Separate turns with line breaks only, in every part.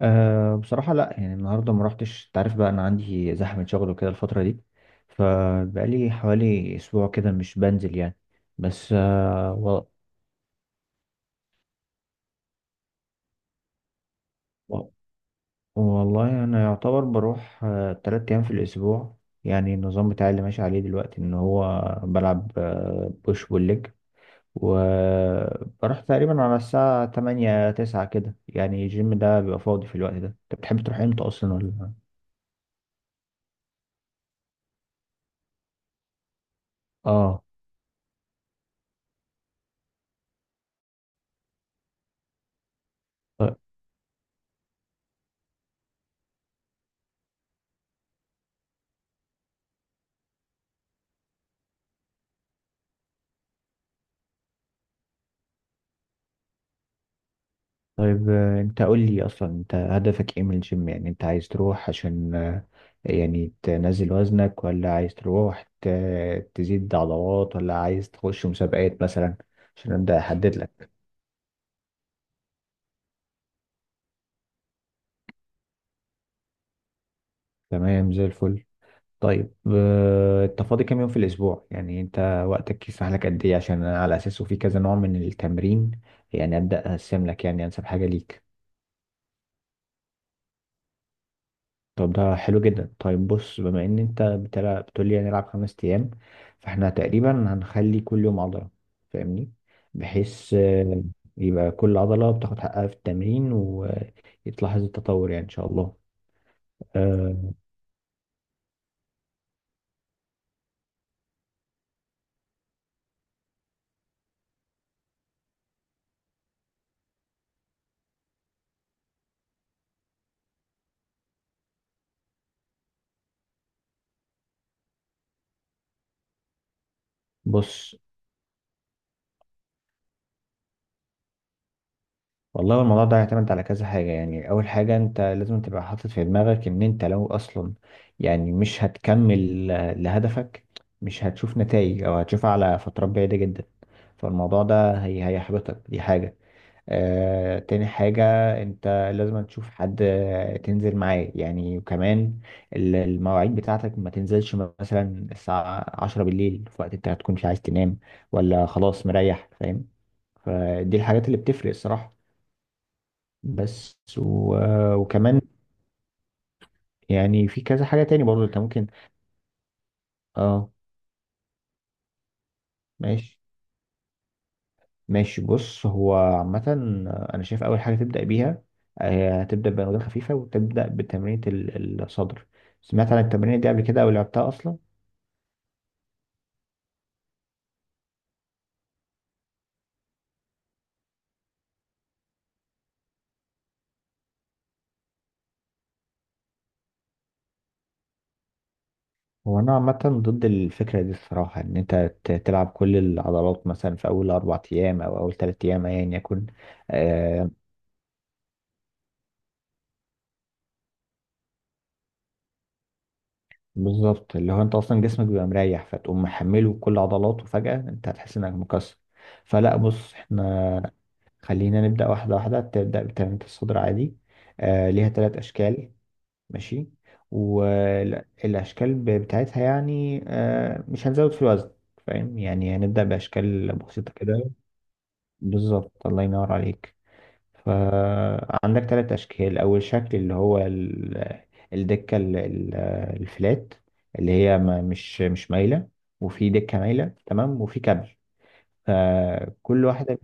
بصراحة، لا. يعني النهاردة ما رحتش، انت عارف بقى، أنا عندي زحمة شغل وكده الفترة دي. فبقالي حوالي أسبوع كده مش بنزل يعني. بس، و... والله أنا يعتبر بروح 3 أيام في الأسبوع. يعني النظام بتاعي اللي ماشي عليه دلوقتي إن هو بلعب بوش بول، وبروح تقريبا على الساعة تمانية تسعة كده. يعني الجيم ده بيبقى فاضي في الوقت ده. أنت بتحب تروح إمتى أصلا، ولا؟ آه طيب، انت قول لي اصلا، انت هدفك ايه من الجيم؟ يعني انت عايز تروح عشان يعني تنزل وزنك، ولا عايز تروح تزيد عضلات، ولا عايز تخش مسابقات مثلا؟ عشان ابدا احدد لك. تمام، زي الفل. طيب، انت فاضي كام يوم في الاسبوع؟ يعني انت وقتك يسمح لك قد ايه، عشان على اساسه في كذا نوع من التمرين. يعني ابدا اقسم لك يعني انسب حاجة ليك. طب ده حلو جدا. طيب بص، بما ان انت بتقول لي هنلعب 5 ايام، فاحنا تقريبا هنخلي كل يوم عضلة. فاهمني؟ بحيث يبقى كل عضلة بتاخد حقها في التمرين ويتلاحظ التطور يعني ان شاء الله. آه، بص، والله الموضوع ده يعتمد على كذا حاجة. يعني اول حاجة، انت لازم تبقى حاطط في دماغك ان انت لو اصلا يعني مش هتكمل لهدفك، مش هتشوف نتائج او هتشوفها على فترات بعيدة جدا، فالموضوع ده هي هيحبطك، دي حاجة. تاني حاجة، انت لازم تشوف حد تنزل معاه يعني. وكمان المواعيد بتاعتك ما تنزلش مثلا الساعة 10 بالليل، في وقت انت هتكون مش عايز تنام، ولا خلاص مريح. فاهم؟ فدي الحاجات اللي بتفرق الصراحة. بس و... آه، وكمان يعني في كذا حاجة تاني برضو انت ممكن. اه ماشي ماشي. بص هو عامة، أنا شايف أول حاجة تبدأ بيها، هتبدأ بأوزان خفيفة وتبدأ بتمرينة الصدر. سمعت عن التمرينة دي قبل كده، أو لعبتها أصلا؟ هو أنا عامة ضد الفكرة دي الصراحة، إن أنت تلعب كل العضلات مثلا في أول 4 أيام أو أول 3 أيام، أيا يكن. آه بالظبط. اللي هو أنت أصلا جسمك بيبقى مريح، فتقوم محمله كل عضلاته فجأة، أنت هتحس إنك مكسر. فلا بص، احنا خلينا نبدأ واحدة واحدة، تبدأ بتنمية الصدر عادي. ليها ثلاث أشكال. ماشي. والأشكال بتاعتها يعني مش هنزود في الوزن. فاهم؟ يعني هنبدأ بأشكال بسيطة كده. بالظبط، الله ينور عليك. فعندك ثلاث أشكال. أول شكل اللي هو الدكة، الفلات، اللي هي مش مايلة. وفي دكة مايلة، تمام، وفي كابل. فكل واحدة...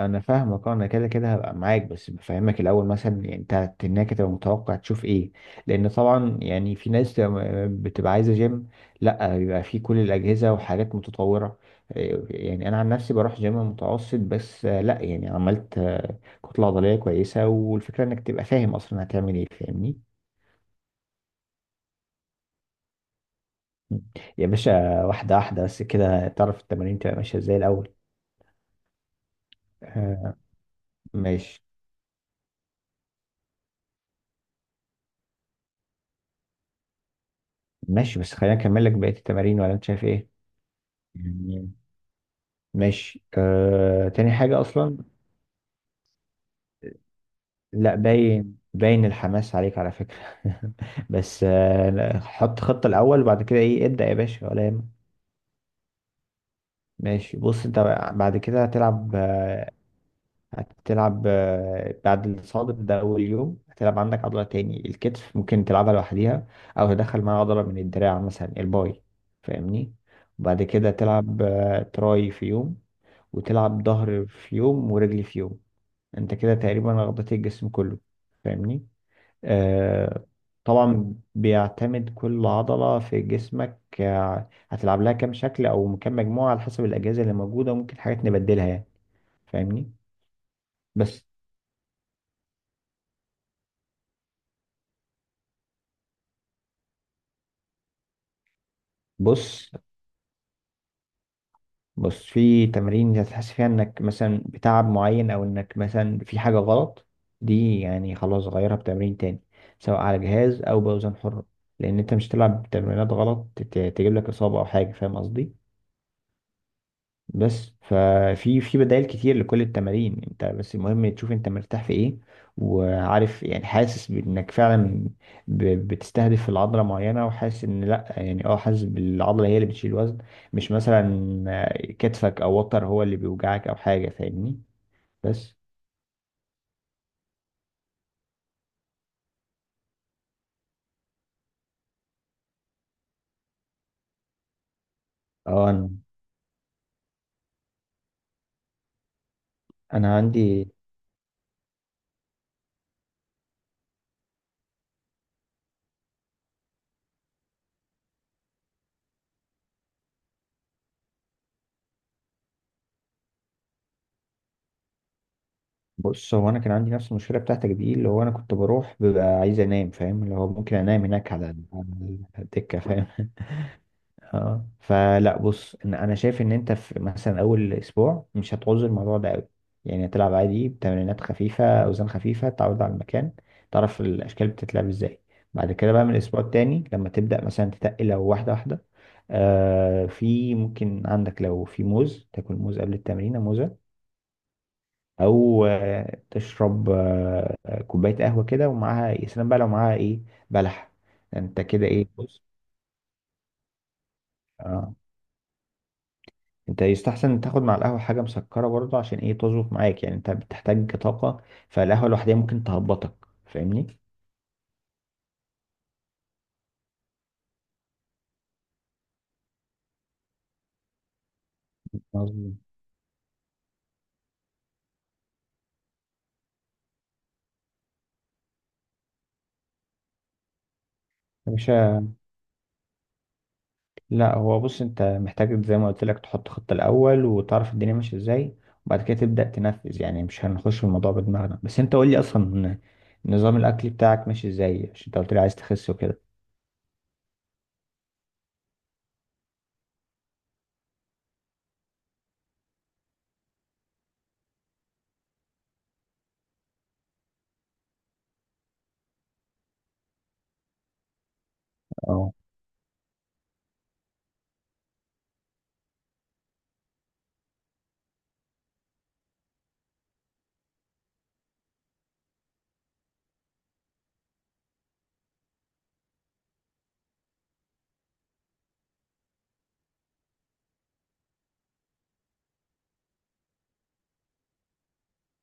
انا فاهمك. انا كده كده هبقى معاك، بس بفهمك الاول مثلا يعني انت هناك تبقى متوقع تشوف ايه. لان طبعا يعني في ناس تبقى بتبقى عايزه جيم، لا، بيبقى فيه كل الاجهزه وحاجات متطوره. إيه، يعني انا عن نفسي بروح جيم متوسط بس، لا يعني عملت كتله عضليه كويسه. والفكره انك تبقى فاهم اصلا هتعمل ايه. فاهمني؟ يا باشا، واحده واحده، بس كده تعرف التمارين تبقى ماشيه ازاي الاول. آه، ماشي. ماشي، بس خلينا اكمل لك بقيه التمارين، ولا انت شايف ايه؟ ماشي. تاني حاجة أصلا... لا، باين باين الحماس عليك على فكرة. بس لا، حط خطة الأول وبعد كده إيه ابدأ، يا باشا، ولا يهمك. ماشي بص أنت، بعد كده هتلعب بعد الصادر ده أول يوم. هتلعب عندك عضلة تاني الكتف، ممكن تلعبها لوحديها، أو تدخل معاها عضلة من الدراع مثلا الباي. فاهمني؟ وبعد كده تلعب تراي في يوم، وتلعب ظهر في يوم ورجل في يوم. انت كده تقريبا غطيت الجسم كله. فاهمني؟ آه طبعا بيعتمد كل عضلة في جسمك، هتلعب لها كام شكل او كام مجموعة على حسب الأجهزة اللي موجودة، وممكن حاجات نبدلها يعني. فاهمني؟ بس بص بص، في تمارين هتحس فيها انك مثلا بتعب معين، او انك مثلا في حاجة غلط. دي يعني خلاص غيرها بتمرين تاني، سواء على جهاز او باوزان حرة. لان انت مش تلعب تمرينات غلط تجيب لك اصابة او حاجة. فاهم قصدي؟ بس ففي بدائل كتير لكل التمارين. انت بس المهم تشوف انت مرتاح في ايه، وعارف يعني حاسس بانك فعلا بتستهدف العضله معينه، وحاسس ان، لا يعني حاسس بالعضله هي اللي بتشيل وزن، مش مثلا كتفك او وتر هو اللي بيوجعك او حاجه. فاهمني؟ بس، اه انا انا عندي... بص، هو انا كان عندي نفس المشكله بتاعتك دي، اللي هو انا كنت بروح ببقى عايز انام، فاهم؟ اللي هو ممكن انام هناك على على الدكه. فاهم؟ اه فلا بص، ان انا شايف ان انت في مثلا اول اسبوع مش هتعوز الموضوع ده قوي. يعني هتلعب عادي بتمرينات خفيفه، اوزان خفيفه، تعود على المكان، تعرف الاشكال بتتلعب ازاي. بعد كده بقى، من الاسبوع التاني لما تبدا مثلا تتقل، لو واحده واحده. في، ممكن عندك لو في موز تاكل موز قبل التمرين، موزه. او تشرب كوبايه قهوه كده. ومعاها يا سلام بقى لو معاها ايه، بلح. انت كده، ايه؟ بص. اه انت يستحسن تاخد مع القهوة حاجة مسكرة برضه، عشان ايه تظبط معاك، يعني انت بتحتاج طاقة. فالقهوة لوحدها ممكن تهبطك. فاهمني؟ مظبوط. يا باشا، لا هو بص، انت محتاج زي ما قلت لك تحط خطة الأول وتعرف الدنيا ماشية ازاي، وبعد كده تبدأ تنفذ. يعني مش هنخش في الموضوع بدماغنا، بس انت قول لي اصلا، نظام الأكل بتاعك ماشي ازاي؟ عشان انت قلت لي عايز تخس وكده. اه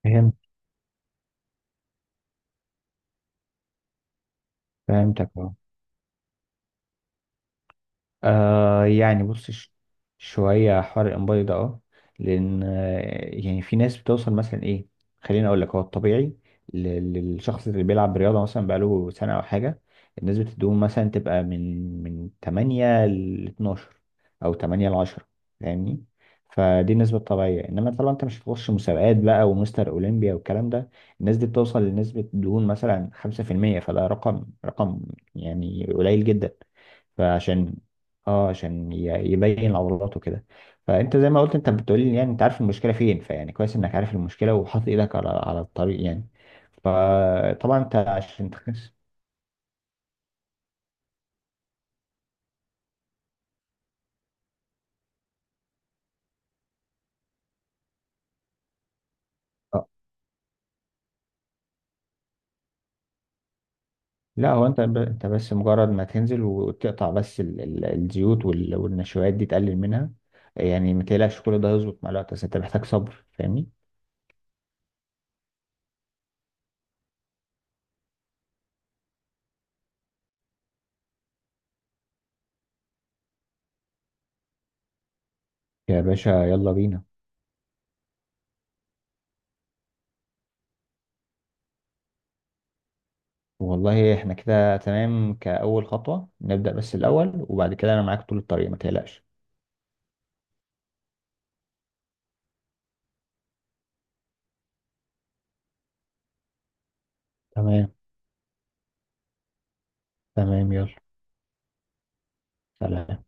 فهمت. فهمتك. يعني بص، شوية حوار الإنبادي ده، اه. لأن، يعني في ناس بتوصل مثلا إيه، خليني أقول لك. هو الطبيعي للشخص اللي بيلعب رياضة مثلا بقاله سنة أو حاجة، الناس بتدوم مثلا تبقى من 8 ل 12، أو 8 ل 10. فاهمني؟ فدي النسبة الطبيعية، إنما طبعا أنت مش هتخش مسابقات بقى ومستر أولمبيا والكلام ده. الناس دي بتوصل لنسبة دهون مثلا 5%، فده رقم، رقم يعني قليل جدا. فعشان اه عشان يبين عضلاته كده. فانت زي ما قلت، انت بتقولي يعني انت عارف المشكله فين، فيعني كويس انك عارف المشكله وحاطط ايدك على الطريق يعني. فطبعا انت عشان تخس... آه، لا هو انت انت بس مجرد ما تنزل وتقطع بس الزيوت والنشويات دي، تقلل منها. يعني ما تقلقش، كل ده هيظبط مع الوقت، بس انت محتاج صبر. فاهمني؟ يا باشا، يلا بينا. والله احنا كده تمام، كأول خطوة نبدأ بس الأول، وبعد كده أنا معاك طول الطريق، ما تقلقش. تمام. تمام، يلا. سلام.